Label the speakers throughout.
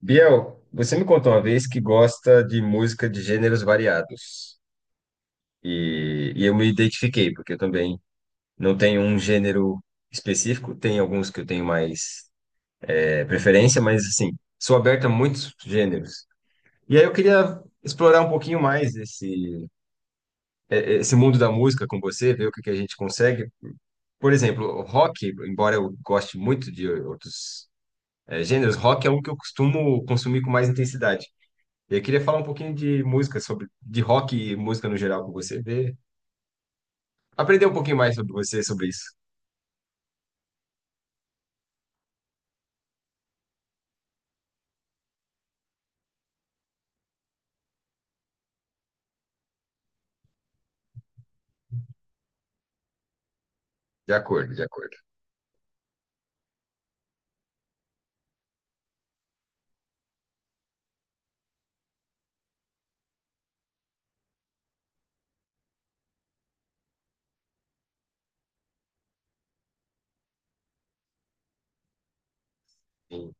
Speaker 1: Biel, você me contou uma vez que gosta de música de gêneros variados. E eu me identifiquei, porque eu também não tenho um gênero específico, tem alguns que eu tenho mais preferência, mas assim, sou aberto a muitos gêneros. E aí eu queria explorar um pouquinho mais esse mundo da música com você, ver o que que a gente consegue. Por exemplo, o rock, embora eu goste muito de outros gêneros, rock é um que eu costumo consumir com mais intensidade. Eu queria falar um pouquinho de de rock e música no geral com você, ver, aprender um pouquinho mais sobre você, sobre isso. De acordo, de acordo. Sim.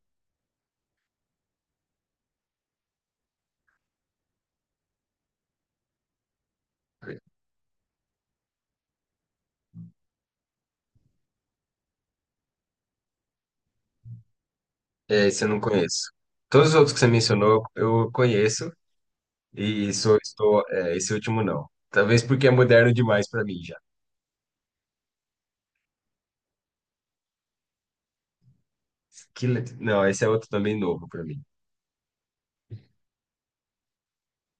Speaker 1: É, esse eu não conheço. Todos os outros que você mencionou, eu conheço, e esse último não. Talvez porque é moderno demais para mim já. Skillet, não, esse é outro também novo para mim.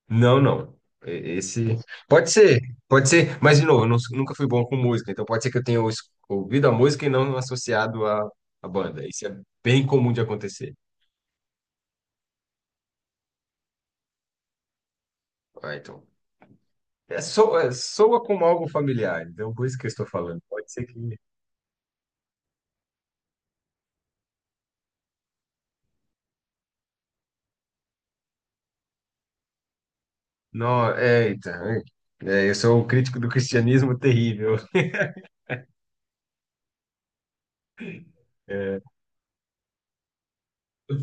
Speaker 1: Não, não. Esse pode ser, pode ser, mas de novo, eu não- nunca fui bom com música, então pode ser que eu tenha ouvido a música e não associado à banda. Isso é bem comum de acontecer. Ah, então. É, soa como algo familiar, então por isso que eu estou falando. Pode ser que. Não, é, eita. Eu sou um crítico do cristianismo terrível. É,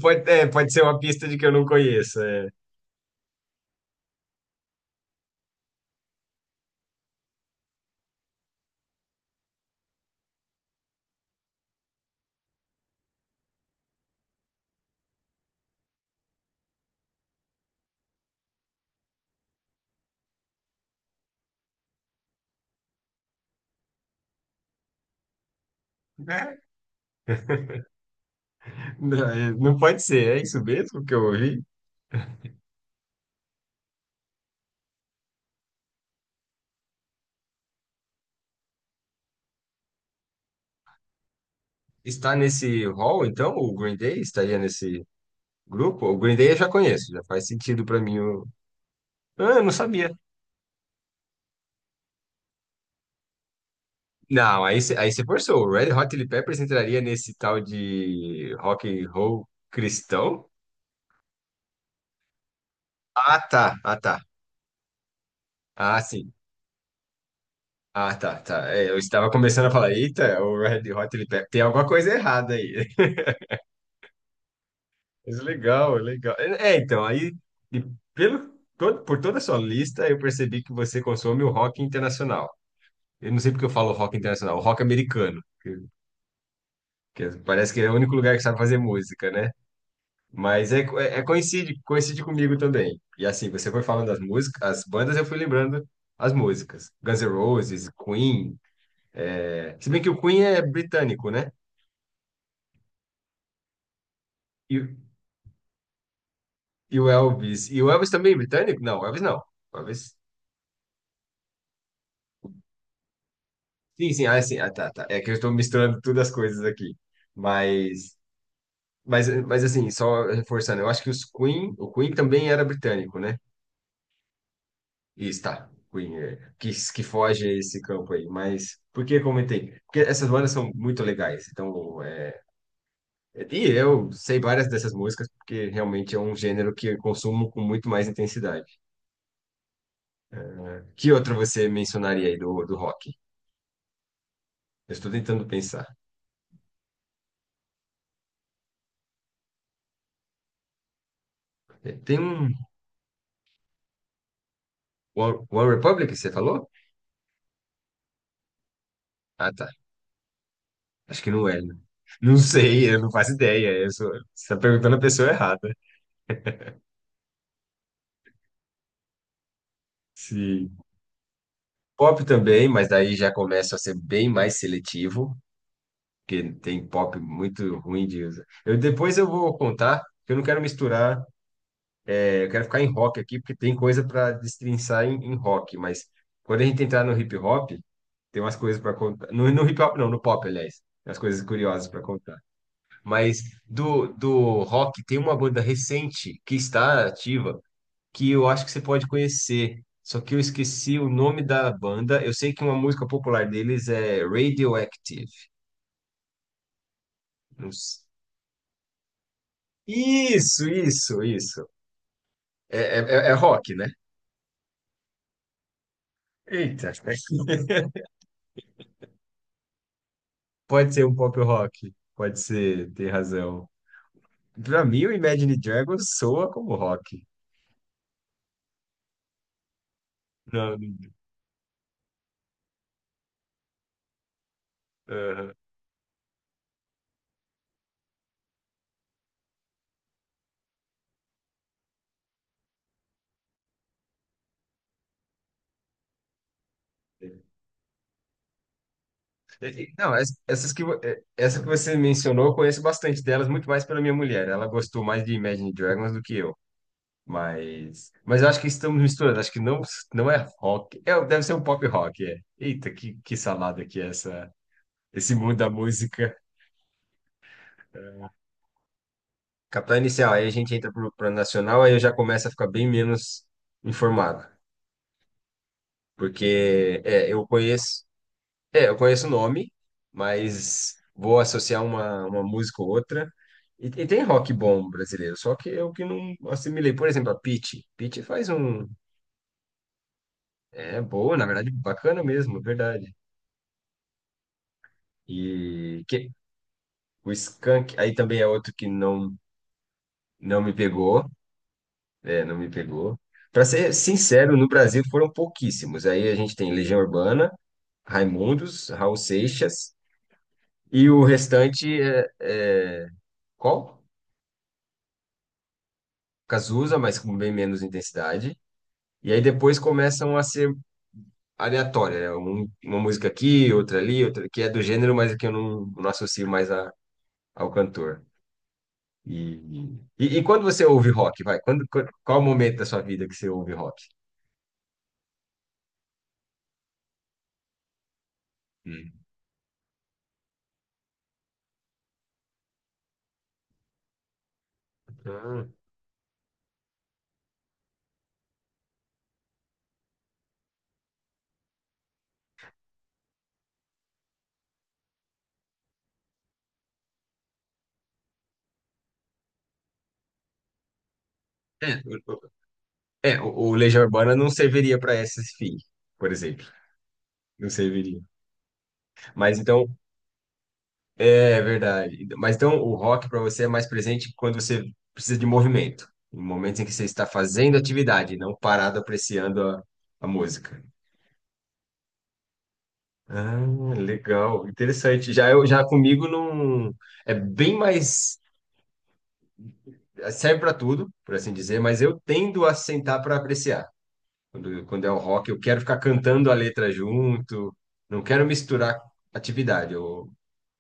Speaker 1: pode ser uma pista de que eu não conheço. É. Né? Não pode ser, é isso mesmo que eu ouvi? Está nesse hall, então? O Green Day estaria nesse grupo? O Green Day eu já conheço, já faz sentido para mim. Ah, eu não sabia. Não, aí, cê- aí você forçou. O Red Hot Chili Peppers entraria nesse tal de rock and roll cristão? Ah, tá. Ah, tá. Ah, sim. Ah, tá, tá. É, eu estava começando a falar, eita, o Red Hot Chili Peppers, tem alguma coisa errada aí. Mas legal, legal. É, é, então, aí, e pelo, todo, por toda a sua lista, eu percebi que você consome o rock internacional. Eu não sei porque eu falo rock internacional, o rock americano, parece que é o único lugar que sabe fazer música, né? Coincide, coincide comigo também. E assim, você foi falando das músicas, as bandas, eu fui lembrando as músicas. Guns N' Roses, Queen. É, se bem que o Queen é britânico, né? E, o- e o Elvis. E o Elvis também é britânico? Não, o Elvis não. O Elvis. Sim, sim, ah, sim. Ah, tá, tá. É que eu estou misturando todas as coisas aqui. Mas, mas assim, só reforçando, eu acho que o Queen também era britânico, né? Isso, tá. Que foge a esse campo aí. Mas por que eu comentei? Porque essas bandas são muito legais. Então, é, e eu sei várias dessas músicas, porque realmente é um gênero que eu consumo com muito mais intensidade. Que outra você mencionaria aí do rock? Eu estou tentando pensar. É, Tem um One Republic, você falou? Ah, tá. Acho que não é, né? Não sei, eu não faço ideia. Você está perguntando a pessoa errada. Sim. Pop também, mas daí já começa a ser bem mais seletivo, porque tem pop muito ruim de usar. Depois eu vou contar, porque eu não quero misturar, eu quero ficar em rock aqui, porque tem coisa para destrinçar em rock, mas quando a gente entrar no hip hop. Tem umas coisas para contar. No hip hop, não, no pop, aliás. Tem umas coisas curiosas para contar. Mas do rock, tem uma banda recente que está ativa que eu acho que você pode conhecer. Só que eu esqueci o nome da banda. Eu sei que uma música popular deles é Radioactive. Não s- Isso, isso, isso. É, é, é é rock, né? Eita. Pode ser um pop rock. Pode ser, tem razão. Pra mim, o Imagine Dragons soa como rock. Não, não- aham. Não, essa que você mencionou, eu conheço bastante delas, muito mais pela minha mulher. Ela gostou mais de Imagine Dragons do que eu. Mas eu acho que estamos misturando. Acho que não, não é rock. É, deve ser um pop rock, é. Eita, que salada que é essa, esse mundo da música. Capital inicial, aí a gente entra pro plano nacional, aí eu já começo a ficar bem menos informado. Porque é, eu conheço. É, eu conheço o nome, mas vou associar uma música ou outra. Tem rock bom brasileiro, só que eu que não assimilei. Por exemplo, a Pitty. Pitty faz um. É boa, na verdade, bacana mesmo, é verdade. E que, o Skank, aí também é outro que não, não me pegou. É, não me pegou. Pra ser sincero, no Brasil foram pouquíssimos. Aí a gente tem Legião Urbana, Raimundos, Raul Seixas, e o restante é... Qual? Cazuza, mas com bem menos intensidade. E aí depois começam a ser aleatórias, né? Uma música aqui, outra ali, outra que é do gênero, mas que eu não associo mais ao cantor. E, e quando você ouve rock, vai? Qual o momento da sua vida que você ouve rock? Hum. Ah. É, o, o- o Legião Urbana não serviria para esse fim, por exemplo. Não serviria. Mas então, é verdade. Mas então o rock para você é mais presente quando você precisa de movimento, em momentos em que você está fazendo atividade, não parado apreciando a música. Ah, legal, interessante. Já eu já comigo não é bem mais serve para tudo, por assim dizer, mas eu tendo a sentar para apreciar. Quando é o rock, eu quero ficar cantando a letra junto, não quero misturar atividade. Eu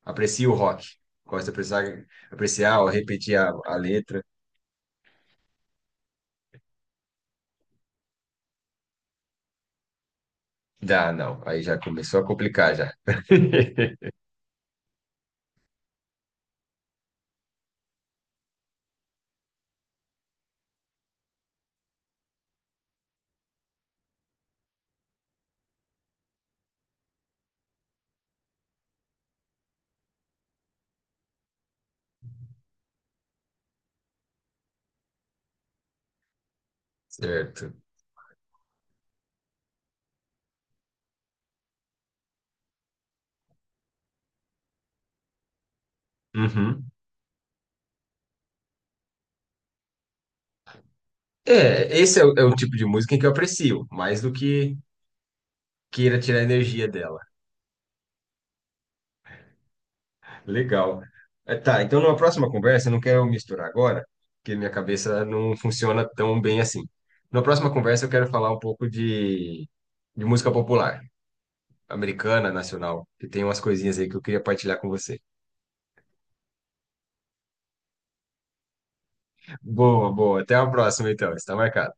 Speaker 1: aprecio o rock. Gosto de apreciar, apreciar ou repetir a letra. Dá, não. Aí já começou a complicar já. Certo. Uhum. É, esse é é o tipo de música em que eu aprecio, mais do que queira tirar a energia dela. Legal. É, tá, então numa próxima conversa, eu não quero misturar agora, porque minha cabeça não funciona tão bem assim. Na próxima conversa, eu quero falar um pouco de música popular, americana, nacional, que tem umas coisinhas aí que eu queria partilhar com você. Boa, boa. Até a próxima, então. Está marcado.